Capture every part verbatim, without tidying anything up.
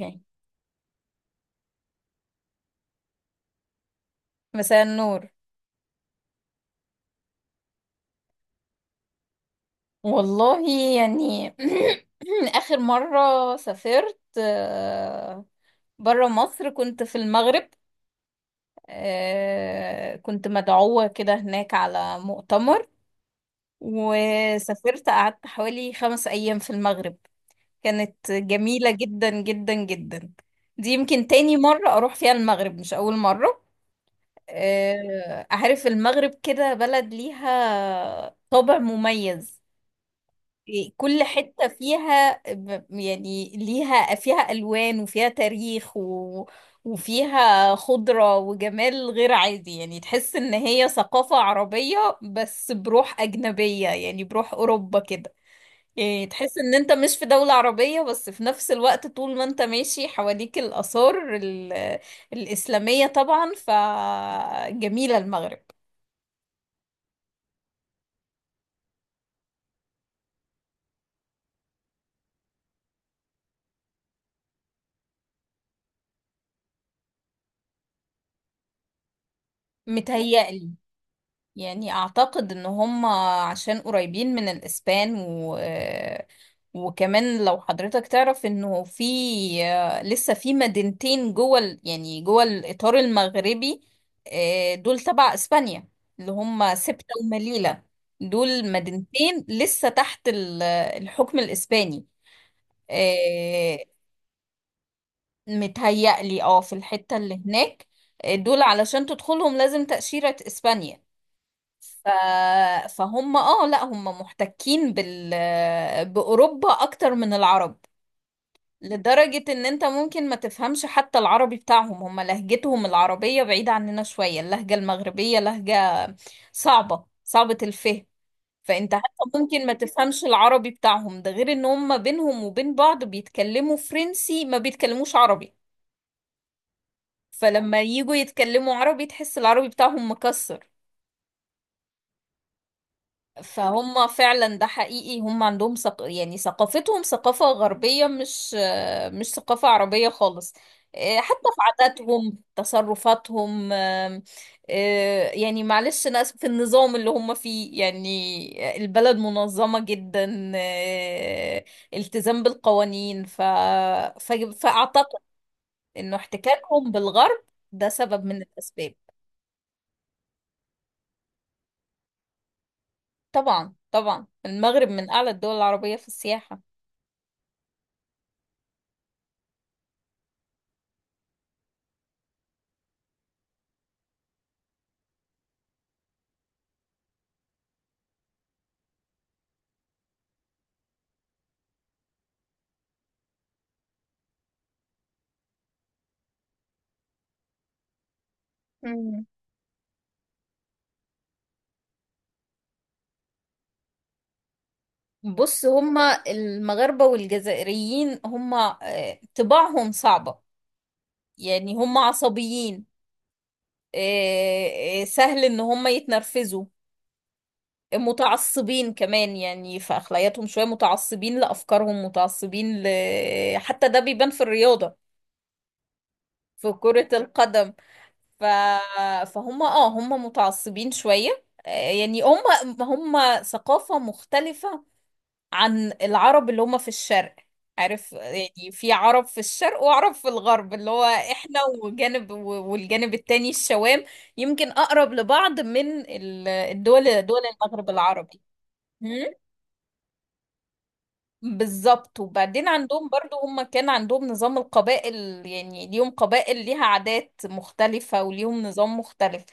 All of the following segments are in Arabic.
اوكي. مساء النور. والله، يعني اخر مره سافرت بره مصر كنت في المغرب. آه، كنت مدعوه كده هناك على مؤتمر، وسافرت قعدت حوالي خمس ايام في المغرب. كانت جميله جدا جدا جدا. دي يمكن تاني مره اروح فيها المغرب مش اول مره. آه، عارف المغرب كده بلد ليها طابع مميز. إيه، كل حتة فيها ب- يعني ليها فيها ألوان وفيها تاريخ و... وفيها خضرة وجمال غير عادي، يعني تحس إن هي ثقافة عربية بس بروح أجنبية، يعني بروح أوروبا كده. يعني تحس إن أنت مش في دولة عربية، بس في نفس الوقت طول ما أنت ماشي حواليك الآثار ال... الإسلامية طبعا، فجميلة المغرب. متهيألي، يعني اعتقد ان هم عشان قريبين من الاسبان و وكمان لو حضرتك تعرف انه في لسه في مدينتين جوه ال- يعني جوه الاطار المغربي. آه، دول تبع اسبانيا، اللي هم سبتة ومليلة. دول مدينتين لسه تحت ال- الحكم الاسباني. آه، متهيألي اه في الحتة اللي هناك. آه، دول علشان تدخلهم لازم تأشيرة اسبانيا. ف... فهم اه، لا هم محتكين بال... بأوروبا أكتر من العرب، لدرجة ان انت ممكن ما تفهمش حتى العربي بتاعهم. هم لهجتهم العربية بعيدة عننا شوية، اللهجة المغربية لهجة صعبة صعبة الفهم، فانت حتى ممكن ما تفهمش العربي بتاعهم. ده غير ان هم بينهم وبين بعض بيتكلموا فرنسي، ما بيتكلموش عربي. فلما يجوا يتكلموا عربي تحس العربي بتاعهم مكسر. فهم فعلا ده حقيقي، هم عندهم ثق... يعني ثقافتهم ثقافة غربية، مش مش ثقافة عربية خالص. إيه، حتى في عاداتهم، تصرفاتهم، آم، آه، يعني معلش، ناس في النظام اللي هم فيه، يعني البلد منظمة جدا، آه، التزام بالقوانين. ف... ف... فأعتقد إنه احتكاكهم بالغرب ده سبب من الأسباب. طبعا، طبعا، المغرب من أعلى الدول العربية في السياحة. بص، هما المغاربة والجزائريين هما آه، طباعهم صعبة، يعني هما عصبيين. آه، آه، سهل ان هما يتنرفزوا. متعصبين كمان، يعني في اخلاقياتهم شوية، متعصبين لافكارهم، متعصبين ل... آه، حتى ده بيبان في الرياضة، في كرة القدم. ف... فهم اه، هم متعصبين شوية. آه، يعني هم هم ثقافة مختلفة عن العرب اللي هم في الشرق. عارف، يعني في عرب في الشرق، وعرب في الغرب اللي هو احنا، وجانب و- والجانب التاني الشوام. يمكن اقرب لبعض من ال- الدول، دول المغرب العربي. هم؟ بالظبط. وبعدين عندهم برضو هم كان عندهم نظام القبائل، يعني ليهم قبائل ليها عادات مختلفة وليهم نظام مختلف.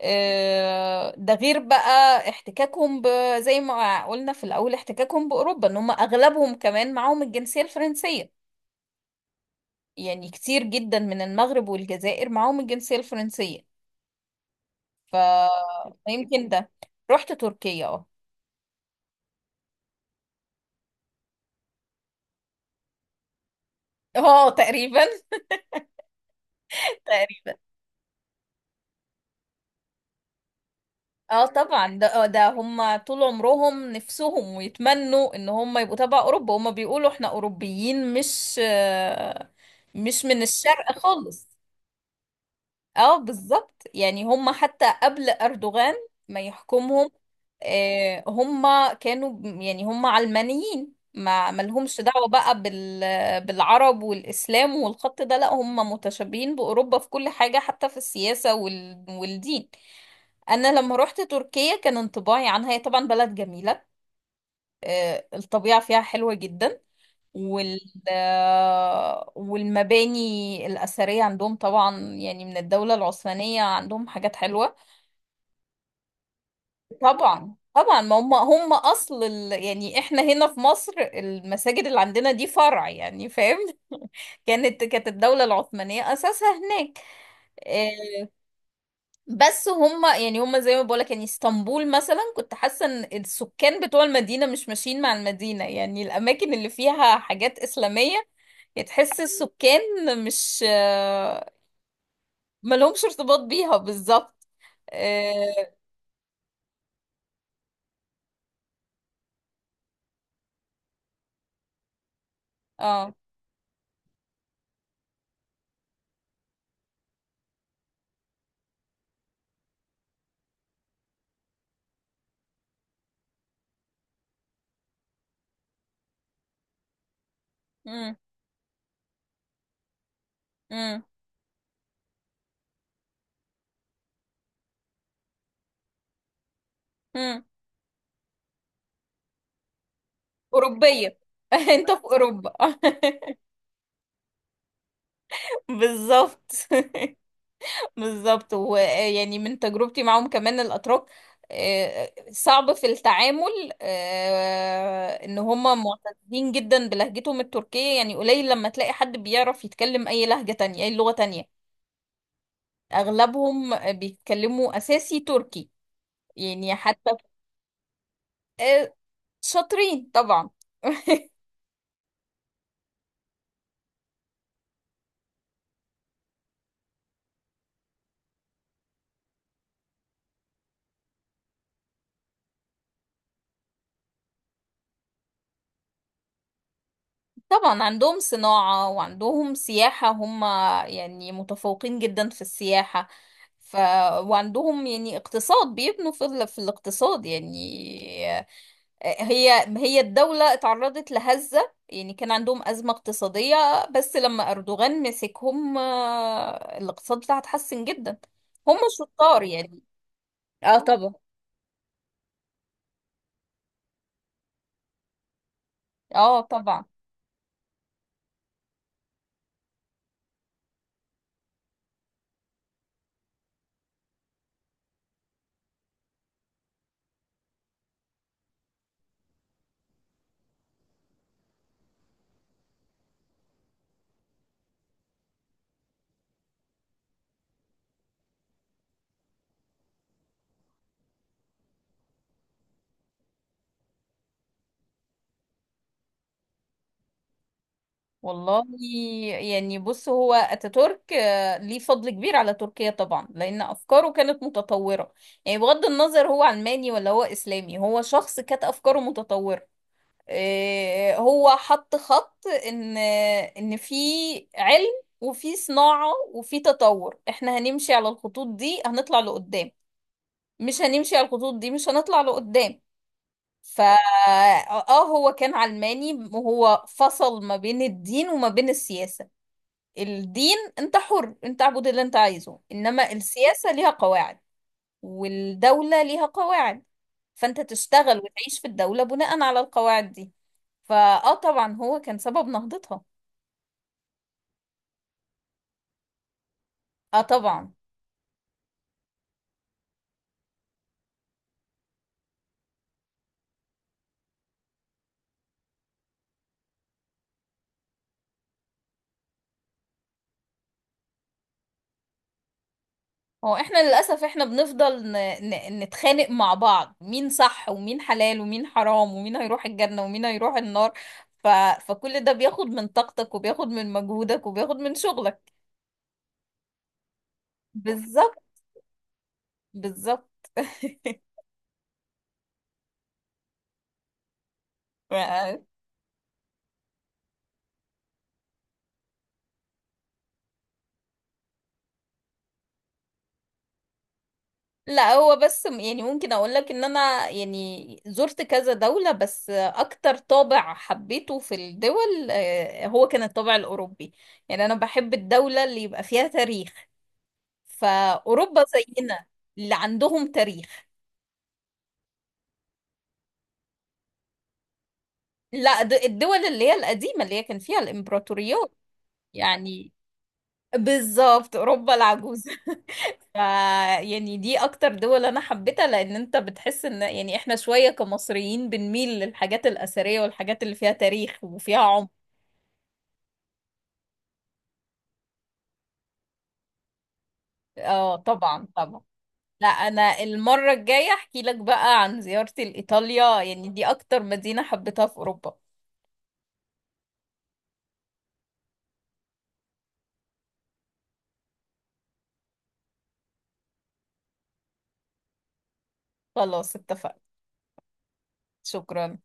آه، ده غير بقى احتكاكهم ب... زي ما قلنا في الأول، احتكاكهم بأوروبا، ان هم أغلبهم كمان معاهم الجنسية الفرنسية. يعني كتير جدا من المغرب والجزائر معاهم الجنسية الفرنسية. ف... فيمكن ده. رحت تركيا، اه. اه، تقريبا. تقريبا، اه طبعا. ده آه، ده هم طول عمرهم نفسهم ويتمنوا ان هم يبقوا تبع اوروبا. هم بيقولوا احنا اوروبيين، مش آه، مش من الشرق خالص. اه بالظبط، يعني هم حتى قبل أردوغان ما يحكمهم، آه، هم كانوا ب- يعني هم علمانيين، ما ملهمش دعوة بقى بال بالعرب والإسلام والخط ده. لا، هم متشابهين بأوروبا في كل حاجة، حتى في السياسة وال والدين. أنا لما روحت تركيا كان انطباعي عنها، هي طبعا بلد جميلة، آه، الطبيعة فيها حلوة جدا. وال آه، والمباني الأثرية عندهم طبعا يعني من الدولة العثمانية، عندهم حاجات حلوة. طبعا، طبعا، ما هم هم أصل ال... يعني احنا هنا في مصر المساجد اللي عندنا دي فرع، يعني فاهم. كانت كانت الدولة العثمانية أساسها هناك. آه، بس هم، يعني هم زي ما بقولك، يعني اسطنبول مثلا كنت حاسة ان السكان بتوع المدينة مش ماشيين مع المدينة، يعني الأماكن اللي فيها حاجات إسلامية، يعني تحس السكان مش، ما لهمش ارتباط بيها، بالظبط. اه. اه. مم. مم. مم. أوروبية. انت في أوروبا. بالظبط. بالظبط، ويعني من تجربتي معاهم كمان الأتراك آه، صعب في التعامل. آه، ان هم معتزين جدا بلهجتهم التركية، يعني قليل لما تلاقي حد بيعرف يتكلم اي لهجة تانية، اي لغة تانية. اغلبهم بيتكلموا اساسي تركي. يعني حتى آه، شاطرين طبعا. طبعا عندهم صناعة وعندهم سياحة، هم يعني متفوقين جدا في السياحة. ف... وعندهم يعني اقتصاد، بيبنوا في, ال... في الاقتصاد يعني. آه، هي هي الدولة اتعرضت لهزة، يعني كان عندهم أزمة اقتصادية، بس لما أردوغان مسكهم آه، الاقتصاد بتاعها اتحسن جدا. هم شطار يعني. اه طبعا. اه طبعا. والله، يعني بص هو اتاتورك آه، ليه فضل كبير على تركيا طبعا، لان افكاره كانت متطوره. يعني بغض النظر هو علماني ولا هو اسلامي، هو شخص كانت افكاره متطوره. آه، هو حط خط ان آه، ان في علم وفي صناعه وفي تطور. احنا هنمشي على الخطوط دي هنطلع لقدام. مش هنمشي على الخطوط دي مش هنطلع لقدام. فا اه، هو كان علماني، وهو فصل ما بين الدين وما بين السياسة. الدين انت حر، انت اعبد اللي انت عايزه، انما السياسة ليها قواعد، والدولة ليها قواعد. فانت تشتغل وتعيش في الدولة بناء على القواعد دي. فاه طبعا هو كان سبب نهضتها. اه طبعا. هو احنا للأسف، احنا بنفضل ن... ن... نتخانق مع بعض، مين صح، ومين حلال، ومين حرام، ومين هيروح الجنة، ومين هيروح النار. ف... فكل ده بياخد من طاقتك، وبياخد من مجهودك، وبياخد من شغلك. بالظبط، بالظبط. لا، هو بس م- يعني ممكن اقول لك ان انا يعني زرت كذا دولة، بس اكتر طابع حبيته في الدول آه، هو كان الطابع الاوروبي. يعني انا بحب الدولة اللي يبقى فيها تاريخ. فاوروبا زينا، اللي عندهم تاريخ. لا، د- الدول اللي هي القديمة، اللي هي كان فيها الامبراطوريات، يعني بالظبط، اوروبا العجوزة. ف- يعني دي اكتر دول انا حبيتها، لان انت بتحس ان يعني احنا شوية كمصريين بنميل للحاجات الاثرية والحاجات اللي فيها تاريخ وفيها عمق. اه طبعا، طبعا. لا، انا المرة الجاية احكي لك بقى عن زيارتي لايطاليا، يعني دي اكتر مدينة حبيتها في اوروبا. خلاص، اتفقنا. شكرا.